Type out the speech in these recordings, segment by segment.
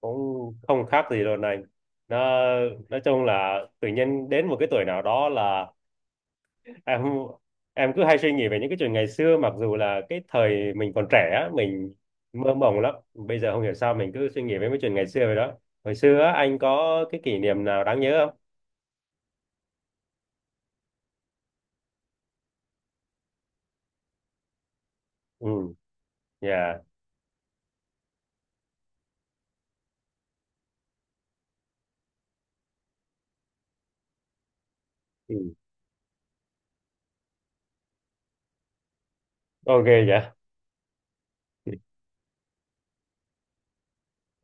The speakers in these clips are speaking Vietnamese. Cũng không khác gì đâu này. Nó nói chung là tự nhiên đến một cái tuổi nào đó là em em cứ hay suy nghĩ về những cái chuyện ngày xưa, mặc dù là cái thời mình còn trẻ á, mình mơ mộng lắm, bây giờ không hiểu sao mình cứ suy nghĩ về mấy chuyện ngày xưa vậy đó. Hồi xưa á, anh có cái kỷ niệm nào đáng nhớ không? Ừ. Dạ. Ừ. Ok. Dạ.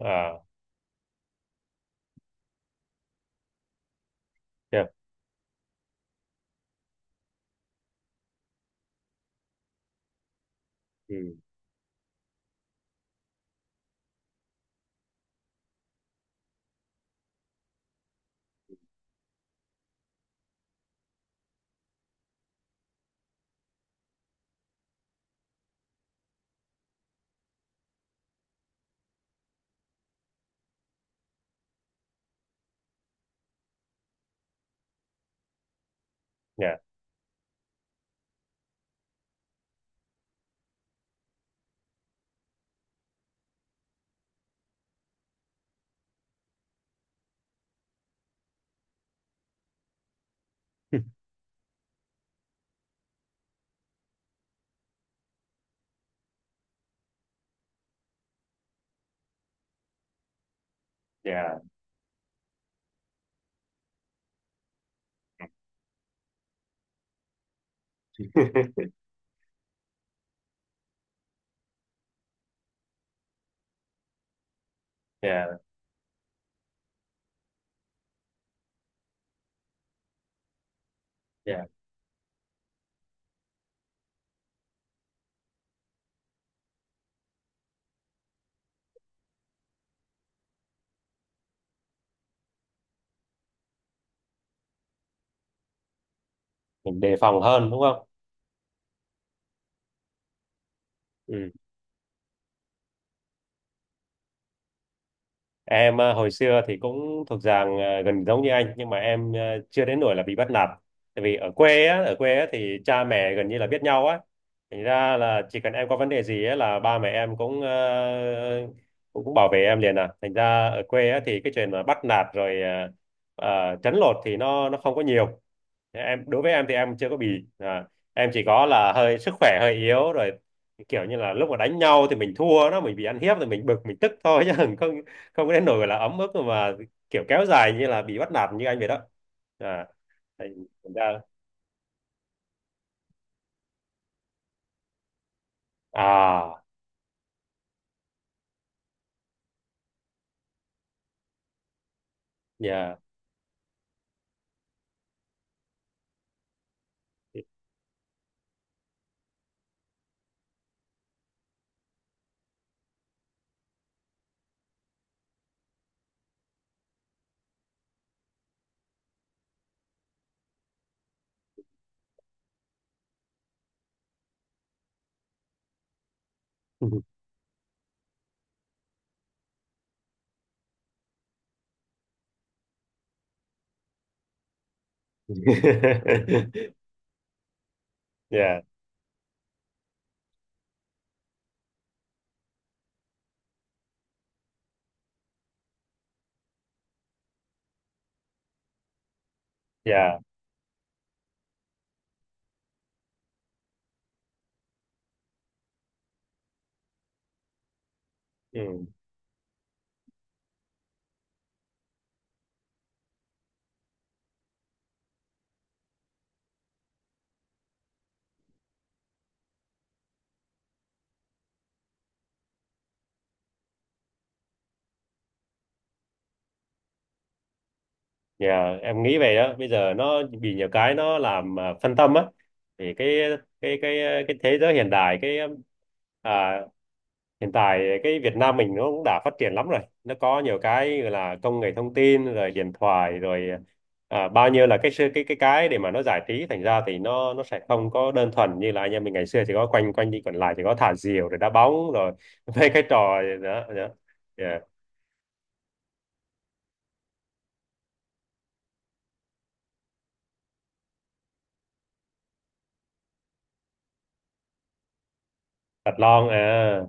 À. Dạ. Ừ. Dạ. Dạ. Dạ. Dạ. Mình đề phòng hơn đúng không? Ừ. Em hồi xưa thì cũng thuộc dạng gần giống như anh, nhưng mà em chưa đến nỗi là bị bắt nạt. Tại vì ở quê á thì cha mẹ gần như là biết nhau á. Thành ra là chỉ cần em có vấn đề gì á là ba mẹ em cũng ờ, cũng cũng bảo vệ em liền à. Thành ra ở quê á thì cái chuyện mà bắt nạt rồi trấn lột thì nó không có nhiều. Thế em đối với em thì em chưa có bị, à, em chỉ có là hơi sức khỏe hơi yếu rồi, kiểu như là lúc mà đánh nhau thì mình thua nó, mình bị ăn hiếp thì mình bực mình tức thôi, chứ không, không đến nỗi là ấm ức mà kiểu kéo dài như là bị bắt nạt như anh vậy đó. À. Thành ra. À. Dạ. Dạ. Dạ. Ừ, dạ. Em nghĩ vậy đó, bây giờ nó bị nhiều cái, nó làm, phân tâm á. Thì cái cái cái thế giới hiện đại, cái, à, hiện tại cái Việt Nam mình nó cũng đã phát triển lắm rồi, nó có nhiều cái gọi là công nghệ thông tin rồi điện thoại rồi, bao nhiêu là cái sự- cái để mà nó giải trí. Thành ra thì nó sẽ không có đơn thuần như là anh em mình ngày xưa, chỉ có quanh quanh đi quẩn lại, chỉ có thả diều rồi đá bóng rồi mấy cái trò gì đó, đó. Yeah. Vật lon à?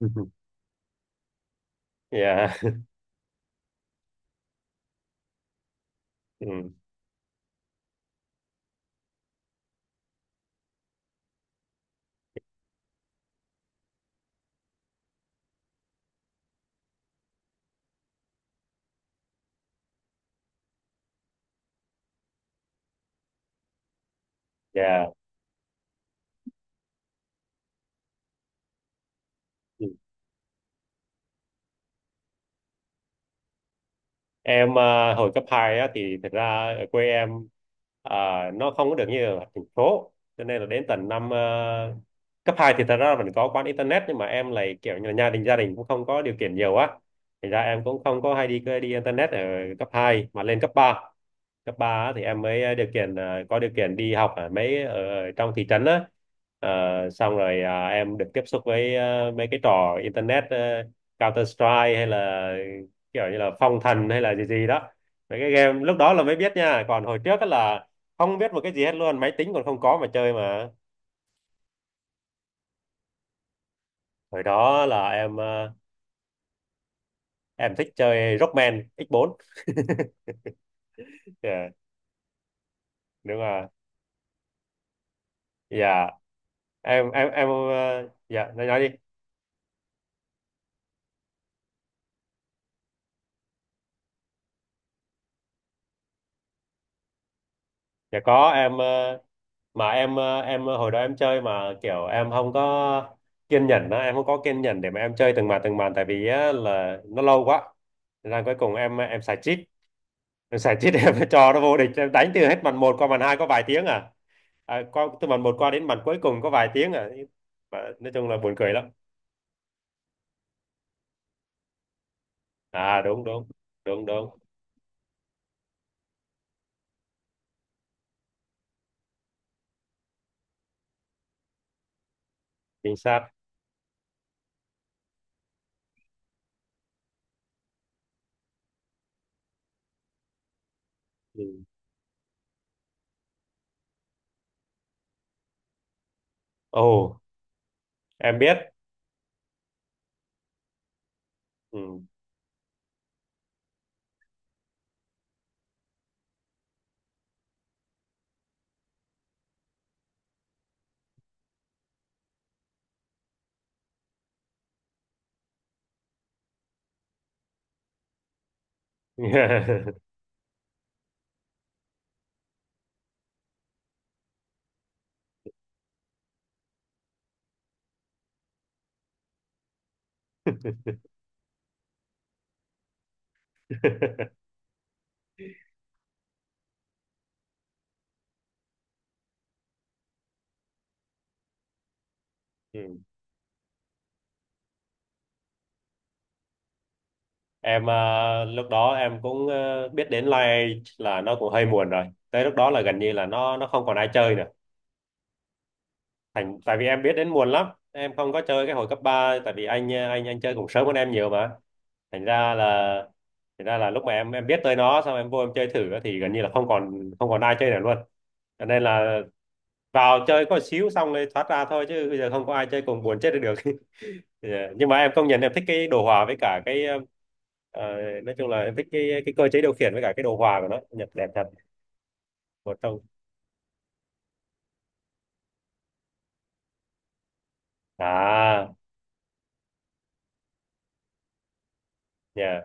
Yeah. Ừ. Yeah. Em, hồi cấp 2 á thì thực ra ở quê em, à, nó không có được như ở thành phố, cho nên là đến tận cấp 2 thì thật ra là vẫn có quán internet, nhưng mà em lại kiểu như là gia đình cũng không có điều kiện nhiều á, thành ra em cũng không có hay đi đi internet ở cấp hai. Mà lên cấp 3 á, thì em mới, có điều kiện đi học ở mấy, ở trong thị trấn á. Ờ, xong rồi, em được tiếp xúc với, mấy cái trò internet, Counter Strike hay là kiểu như là phong thần hay là gì gì đó. Mấy cái game lúc đó là mới biết nha, còn hồi trước á là không biết một cái gì hết luôn, máy tính còn không có mà chơi mà. Hồi đó là em thích chơi Rockman X4. Yeah, đúng rồi. Dạ. Dạ, nói đi. Dạ có, em ờ, mà em ờ, hồi đó em chơi mà kiểu em không có kiên nhẫn đó, em không có kiên nhẫn để mà em chơi từng màn từng màn, tại vì á là nó lâu quá, nên là cuối cùng em xài cheat. Giải chết em, trò nó vô địch. Em đánh từ hết màn một qua màn 2 có vài tiếng à, từ màn một qua đến màn cuối cùng có vài tiếng à, mà nói chung là buồn cười lắm. À, đúng đúng đúng đúng. Chính xác. Ừ. Ồ, em biết. Ừ. Ừ. Em, lúc đó em cũng, biết đến live là nó cũng hơi muộn rồi, tới lúc đó là gần như là nó không còn ai chơi nữa. Thành tại vì em biết đến muộn lắm, em không có chơi cái hồi cấp ba, tại vì anh chơi cũng sớm hơn em nhiều mà. Thành ra là, lúc mà em biết tới nó, xong em vô em chơi thử á, thì gần như là không còn ai chơi nữa luôn. Cho nên là vào chơi có xíu xong rồi thoát ra thôi, chứ bây giờ không có ai chơi cùng buồn chết đi được. Dạ. Nhưng mà em công nhận em thích cái đồ họa, với cả ờ, nói chung là em thích cái cơ chế điều khiển với cả cái đồ họa của nó, Nhật đẹp thật. Một trong. À. Yeah.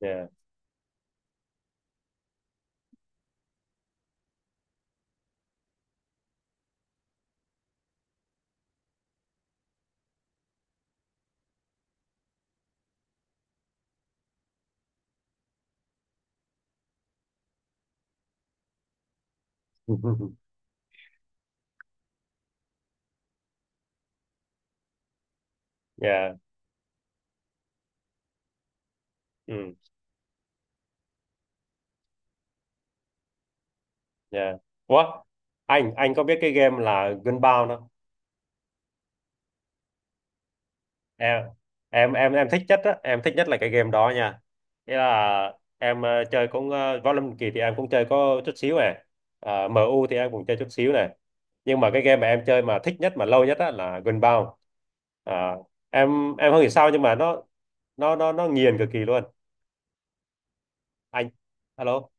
Yeah. Yeah. Ừ. Dạ. Ủa, anh có biết cái game là Gunbound không? Em em thích nhất á, em thích nhất là cái game đó nha. Nghĩa là em chơi cũng Võ Lâm Kỳ thì em cũng chơi có chút xíu này. Ờ, MU thì em cũng chơi chút xíu này. Nhưng mà cái game mà em chơi mà thích nhất mà lâu nhất á là Gunbound. Ờ, em không hiểu sao nhưng mà nó nghiền cực kỳ luôn. Anh. Alo.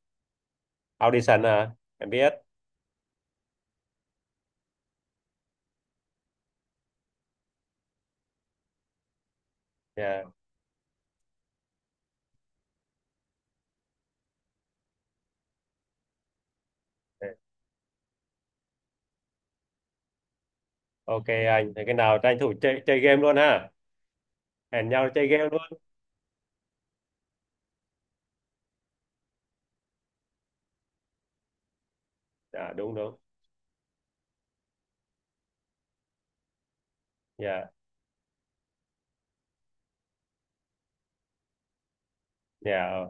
Audition à? Em biết. Dạ. Ok anh, thế cái nào tranh thủ chơi chơi game luôn ha. Hẹn nhau chơi game luôn. À, đúng đúng. Dạ. Dạ.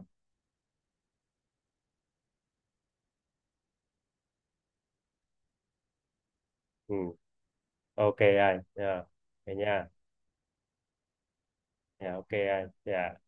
Ừ. Ok anh. Dạ. Thế nha. Dạ. Ok anh. Dạ.